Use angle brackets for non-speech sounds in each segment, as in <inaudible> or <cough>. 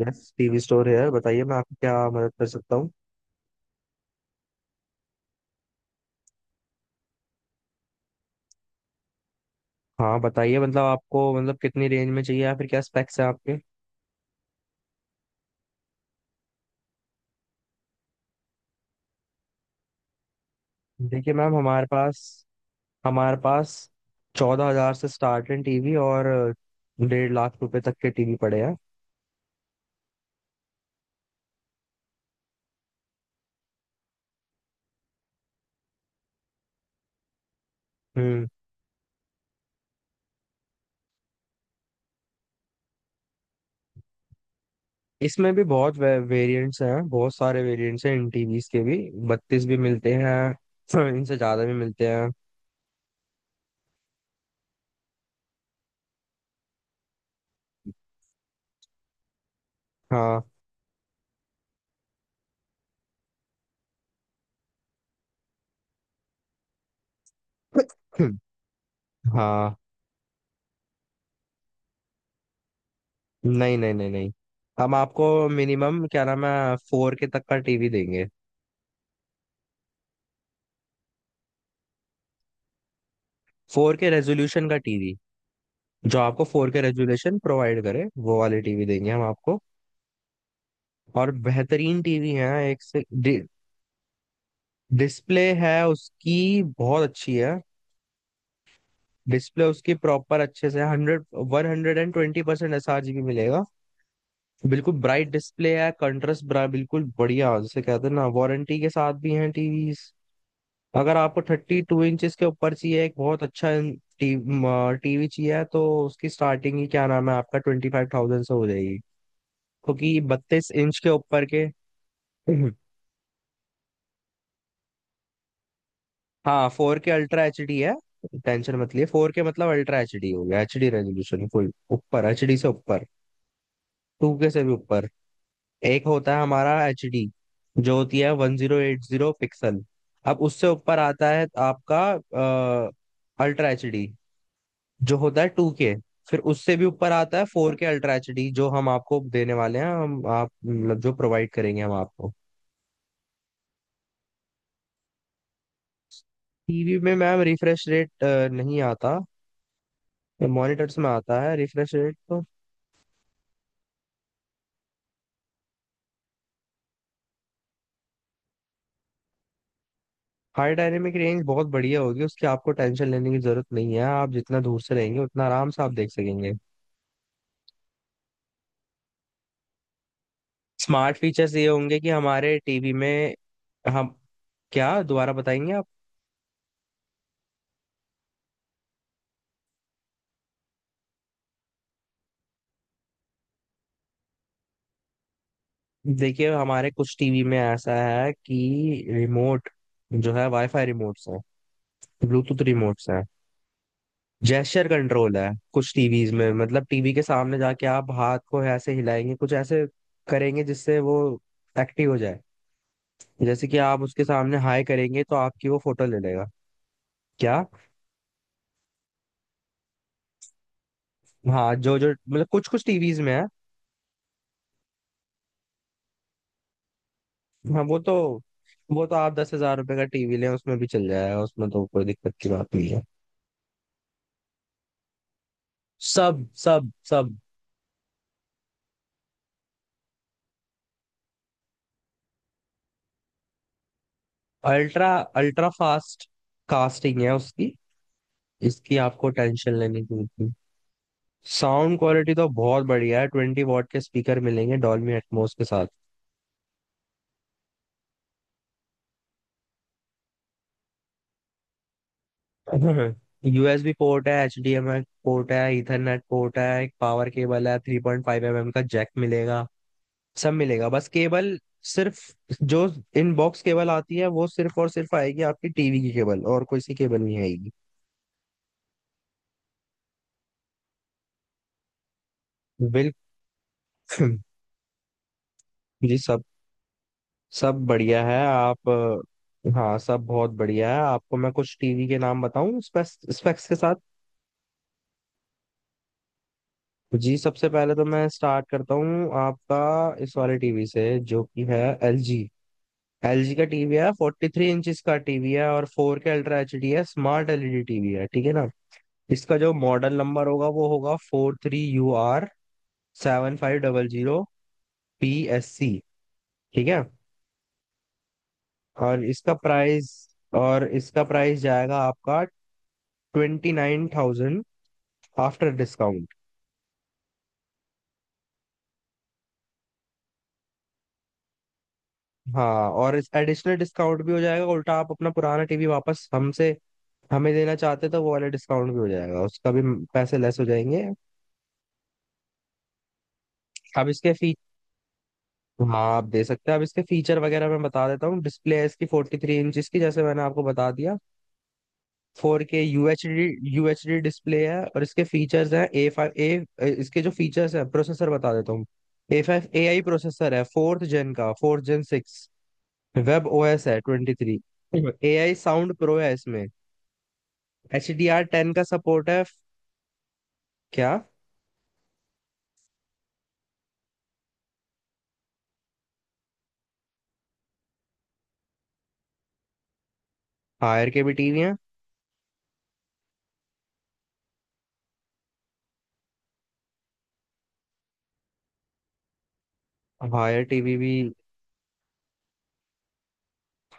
Yes TV store है यार, बताइए मैं आपकी क्या मदद कर सकता हूँ। हाँ बताइए, मतलब आपको मतलब कितनी रेंज में चाहिए या फिर क्या स्पेक्स है आपके। देखिए मैम, हमारे पास 14,000 से स्टार्ट है टीवी और 1,50,000 रुपए तक के टीवी पड़े हैं। हम्म इसमें भी बहुत वेरिएंट्स हैं, बहुत सारे वेरिएंट्स हैं इन टीवीज के भी। 32 भी मिलते हैं <clears throat> इनसे ज्यादा भी मिलते हैं। हाँ। <clears throat> हाँ। नहीं नहीं नहीं नहीं। हम आपको मिनिमम क्या नाम है फोर के तक का टीवी देंगे। फोर के रेजोल्यूशन का टीवी, जो आपको फोर के रेजोल्यूशन प्रोवाइड करे वो वाली टीवी देंगे हम आपको। और बेहतरीन टीवी है एक से डिस्प्ले है उसकी बहुत अच्छी है। डिस्प्ले उसकी प्रॉपर अच्छे से hundred 120% S R G B मिलेगा। बिल्कुल ब्राइट डिस्प्ले है, कंट्रास्ट बिल्कुल बढ़िया। जैसे कहते हैं ना, वारंटी के साथ भी है टीवी। अगर आपको 32 इंचेस के ऊपर चाहिए, एक बहुत अच्छा टीवी चाहिए, तो उसकी स्टार्टिंग ही क्या नाम है आपका 25,000 से हो जाएगी, क्योंकि 32 इंच के ऊपर के। हम्म। हाँ, four K ultra H D है। टेंशन मत लिए, फोर के मतलब अल्ट्रा एच डी हो गया। एच डी रेजोल्यूशन फुल ऊपर, एच डी से ऊपर, टू के से भी ऊपर। एक होता है हमारा एच डी, जो होती है 1080 पिक्सल। अब उससे ऊपर आता है आपका अल्ट्रा एच डी, जो होता है टू के। फिर उससे भी ऊपर आता है four K ultra H D, जो हम आपको देने वाले हैं, हम आप मतलब जो प्रोवाइड करेंगे हम आपको। टीवी में मैम रिफ्रेश रेट नहीं आता, मॉनिटर्स में आता है रिफ्रेश रेट तो। हाई डायनेमिक रेंज बहुत बढ़िया होगी उसकी, आपको टेंशन लेने की जरूरत नहीं है। आप जितना दूर से रहेंगे उतना आराम से आप देख सकेंगे। स्मार्ट फीचर्स ये होंगे कि हमारे टीवी में। हम क्या दोबारा बताएंगे आप? देखिए हमारे कुछ टीवी में ऐसा है कि रिमोट जो है वाईफाई रिमोट है, ब्लूटूथ रिमोट है। जेस्चर कंट्रोल है कुछ टीवीज में, मतलब टीवी के सामने जाके आप हाथ को ऐसे हिलाएंगे, कुछ ऐसे करेंगे जिससे वो एक्टिव हो जाए। जैसे कि आप उसके सामने हाई करेंगे तो आपकी वो फोटो ले लेगा। क्या? हाँ, जो जो मतलब कुछ कुछ टीवीज में है। हाँ, वो तो आप ₹10,000 का टीवी लें उसमें भी चल जाएगा, उसमें तो कोई दिक्कत की बात नहीं है। सब सब सब। अल्ट्रा अल्ट्रा फास्ट कास्टिंग है उसकी, इसकी आपको टेंशन लेने की। साउंड क्वालिटी तो बहुत बढ़िया है, 20 वॉट के स्पीकर मिलेंगे डॉल्बी एटमॉस के साथ। <laughs> यूएसबी पोर्ट है, एचडीएमआई पोर्ट है, ईथरनेट पोर्ट है, एक पावर केबल है, 3.5 mm का जैक मिलेगा। सब मिलेगा बस केबल। सिर्फ जो इनबॉक्स केबल आती है वो सिर्फ और सिर्फ आएगी आपकी टीवी की केबल, और कोई सी केबल नहीं आएगी। बिल्कुल। जी, सब सब बढ़िया है आप। हाँ, सब बहुत बढ़िया है। आपको मैं कुछ टीवी के नाम बताऊं स्पेक्स स्पेक्स के साथ? जी, सबसे पहले तो मैं स्टार्ट करता हूँ आपका इस वाले टीवी से, जो कि है LG LG का टीवी है, 43 इंच का टीवी है, और four K ultra H D है, स्मार्ट एलईडी टीवी है, ठीक है ना। इसका जो मॉडल नंबर होगा वो होगा 43UR7500PSC, ठीक है। और इसका प्राइस और इसका प्राइस जाएगा आपका 29,000 आफ्टर डिस्काउंट। हाँ, और इस एडिशनल डिस्काउंट भी हो जाएगा। उल्टा आप अपना पुराना टीवी वापस हमसे हमें देना चाहते तो वो वाला डिस्काउंट भी हो जाएगा उसका भी, पैसे लेस हो जाएंगे। अब इसके फी हाँ आप दे सकते हैं। अब इसके फीचर वगैरह मैं बता देता हूँ। डिस्प्ले है इसकी 43 इंच की, जैसे मैंने आपको बता दिया। फोर के यूएचडी, डिस्प्ले है। और इसके फीचर्स हैं ए फाइव ए इसके जो फीचर्स हैं, प्रोसेसर बता देता हूँ। A5 AI प्रोसेसर है, 4th Gen 6 वेब ओएस है 23। ए आई साउंड प्रो है इसमें, HDR10 का सपोर्ट है। क्या? हायर के भी टीवी है। हायर टीवी भी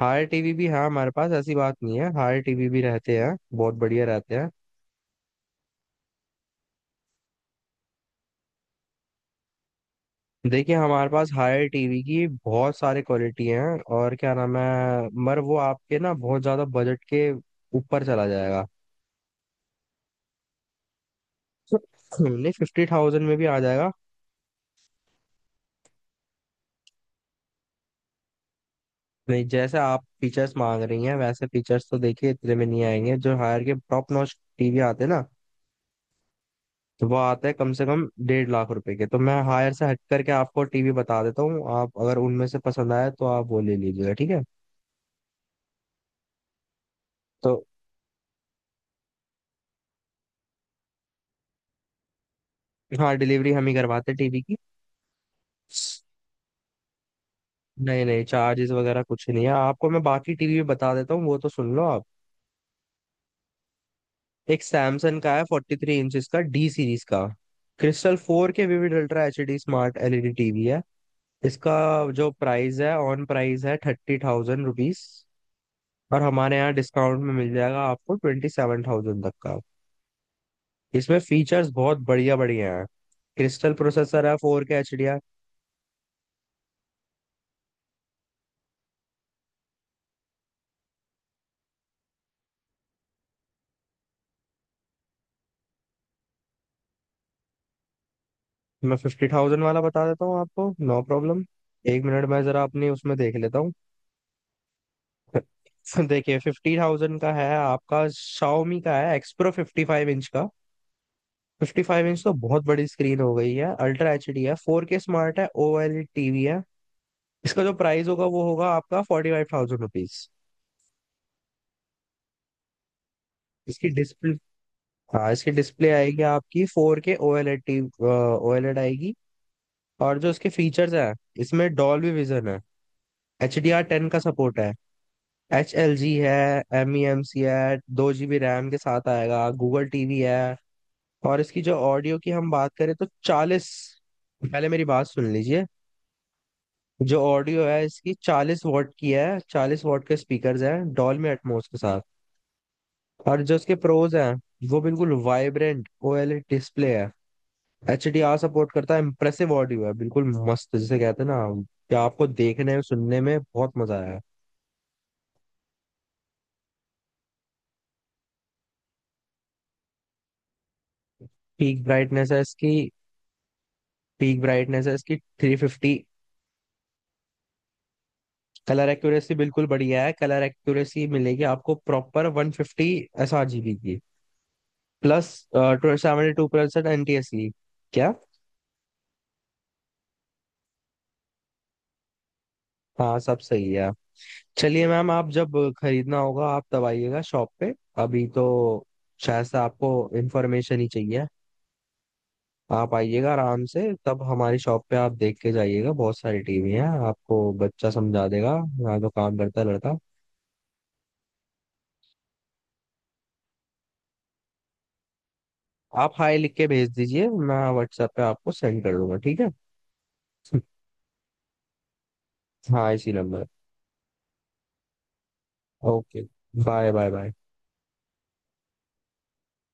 हायर टीवी भी है हमारे पास, ऐसी बात नहीं है। हायर टीवी भी रहते हैं, बहुत बढ़िया रहते हैं। देखिए हमारे पास हायर टीवी की बहुत सारे क्वालिटी हैं, और क्या नाम है, मगर वो आपके ना बहुत ज्यादा बजट के ऊपर चला जाएगा। नहीं, 50,000 में भी आ जाएगा। नहीं, जैसे आप फीचर्स मांग रही हैं वैसे फीचर्स तो देखिए इतने में नहीं आएंगे, जो हायर के टॉप नॉच टीवी आते हैं ना, तो वो आते हैं कम से कम ₹1,50,000 के। तो मैं हायर से हट करके आपको टीवी बता देता हूँ, आप अगर उनमें से पसंद आए तो आप वो ले लीजिएगा, ठीक है। तो हाँ, डिलीवरी हम ही करवाते टीवी की। नहीं नहीं, चार्जेस वगैरह कुछ नहीं है। आपको मैं बाकी टीवी भी बता देता हूँ, वो तो सुन लो आप। एक सैमसंग का है 43 इंचज का, डी सीरीज का crystal four K vivid ultra H D smart LED TV है। इसका जो प्राइस है ऑन प्राइस है ₹30,000, और हमारे यहाँ डिस्काउंट में मिल जाएगा आपको 27,000 तक का। इसमें फीचर्स बहुत बढ़िया बढ़िया है, क्रिस्टल प्रोसेसर है, फोर के एच डी। मैं 50,000 वाला बता देता हूँ आपको, नो प्रॉब्लम। एक मिनट मैं जरा अपनी उसमें देख लेता हूँ। <laughs> देखिए 50,000 का है आपका शाओमी का, है एक्सप्रो, 55 इंच तो बहुत बड़ी स्क्रीन हो गई है। अल्ट्रा एच डी है, फोर के स्मार्ट है, ओएलईडी टीवी है। इसका जो प्राइस होगा वो होगा आपका ₹45,000। इसकी डिस्प्ले, हाँ इसकी डिस्प्ले आएगी आपकी फोर के ओएलईडी, आएगी। और जो इसके फीचर्स हैं, इसमें डॉल्बी विजन है, HDR10 का सपोर्ट है, एच एल जी है, एम ई एम सी है, 2 GB रैम के साथ आएगा, गूगल टीवी है। और इसकी जो ऑडियो की हम बात करें तो 40, पहले मेरी बात सुन लीजिए। जो ऑडियो है इसकी 40 वॉट की है, 40 वॉट के स्पीकर्स हैं डॉल्बी एटमॉस के साथ। और जो इसके प्रोज हैं, वो बिल्कुल वाइब्रेंट ओएलईडी डिस्प्ले है, एच डी आर सपोर्ट करता है, इम्प्रेसिव ऑडियो है, बिल्कुल मस्त, जिसे कहते हैं ना, कि आपको देखने और सुनने में बहुत मजा आया। पीक ब्राइटनेस है इसकी पीक ब्राइटनेस है इसकी 350। कलर एक्यूरेसी बिल्कुल बढ़िया है, कलर एक्यूरेसी मिलेगी आपको proper 150 S R G B की प्लस 72% एन टी एस की। क्या? हाँ, सब सही है। चलिए मैम, आप जब खरीदना होगा आप तब आइएगा शॉप पे। अभी तो शायद से आपको इन्फॉर्मेशन ही चाहिए। आप आइएगा आराम से, तब हमारी शॉप पे आप देख के जाइएगा, बहुत सारी टीवी हैं। आपको बच्चा समझा देगा, यहाँ तो काम करता है लड़का। आप हाय लिख के भेज दीजिए, मैं व्हाट्सएप पे आपको सेंड कर दूंगा, ठीक है। <laughs> हाँ, इसी number. Okay, bye bye bye.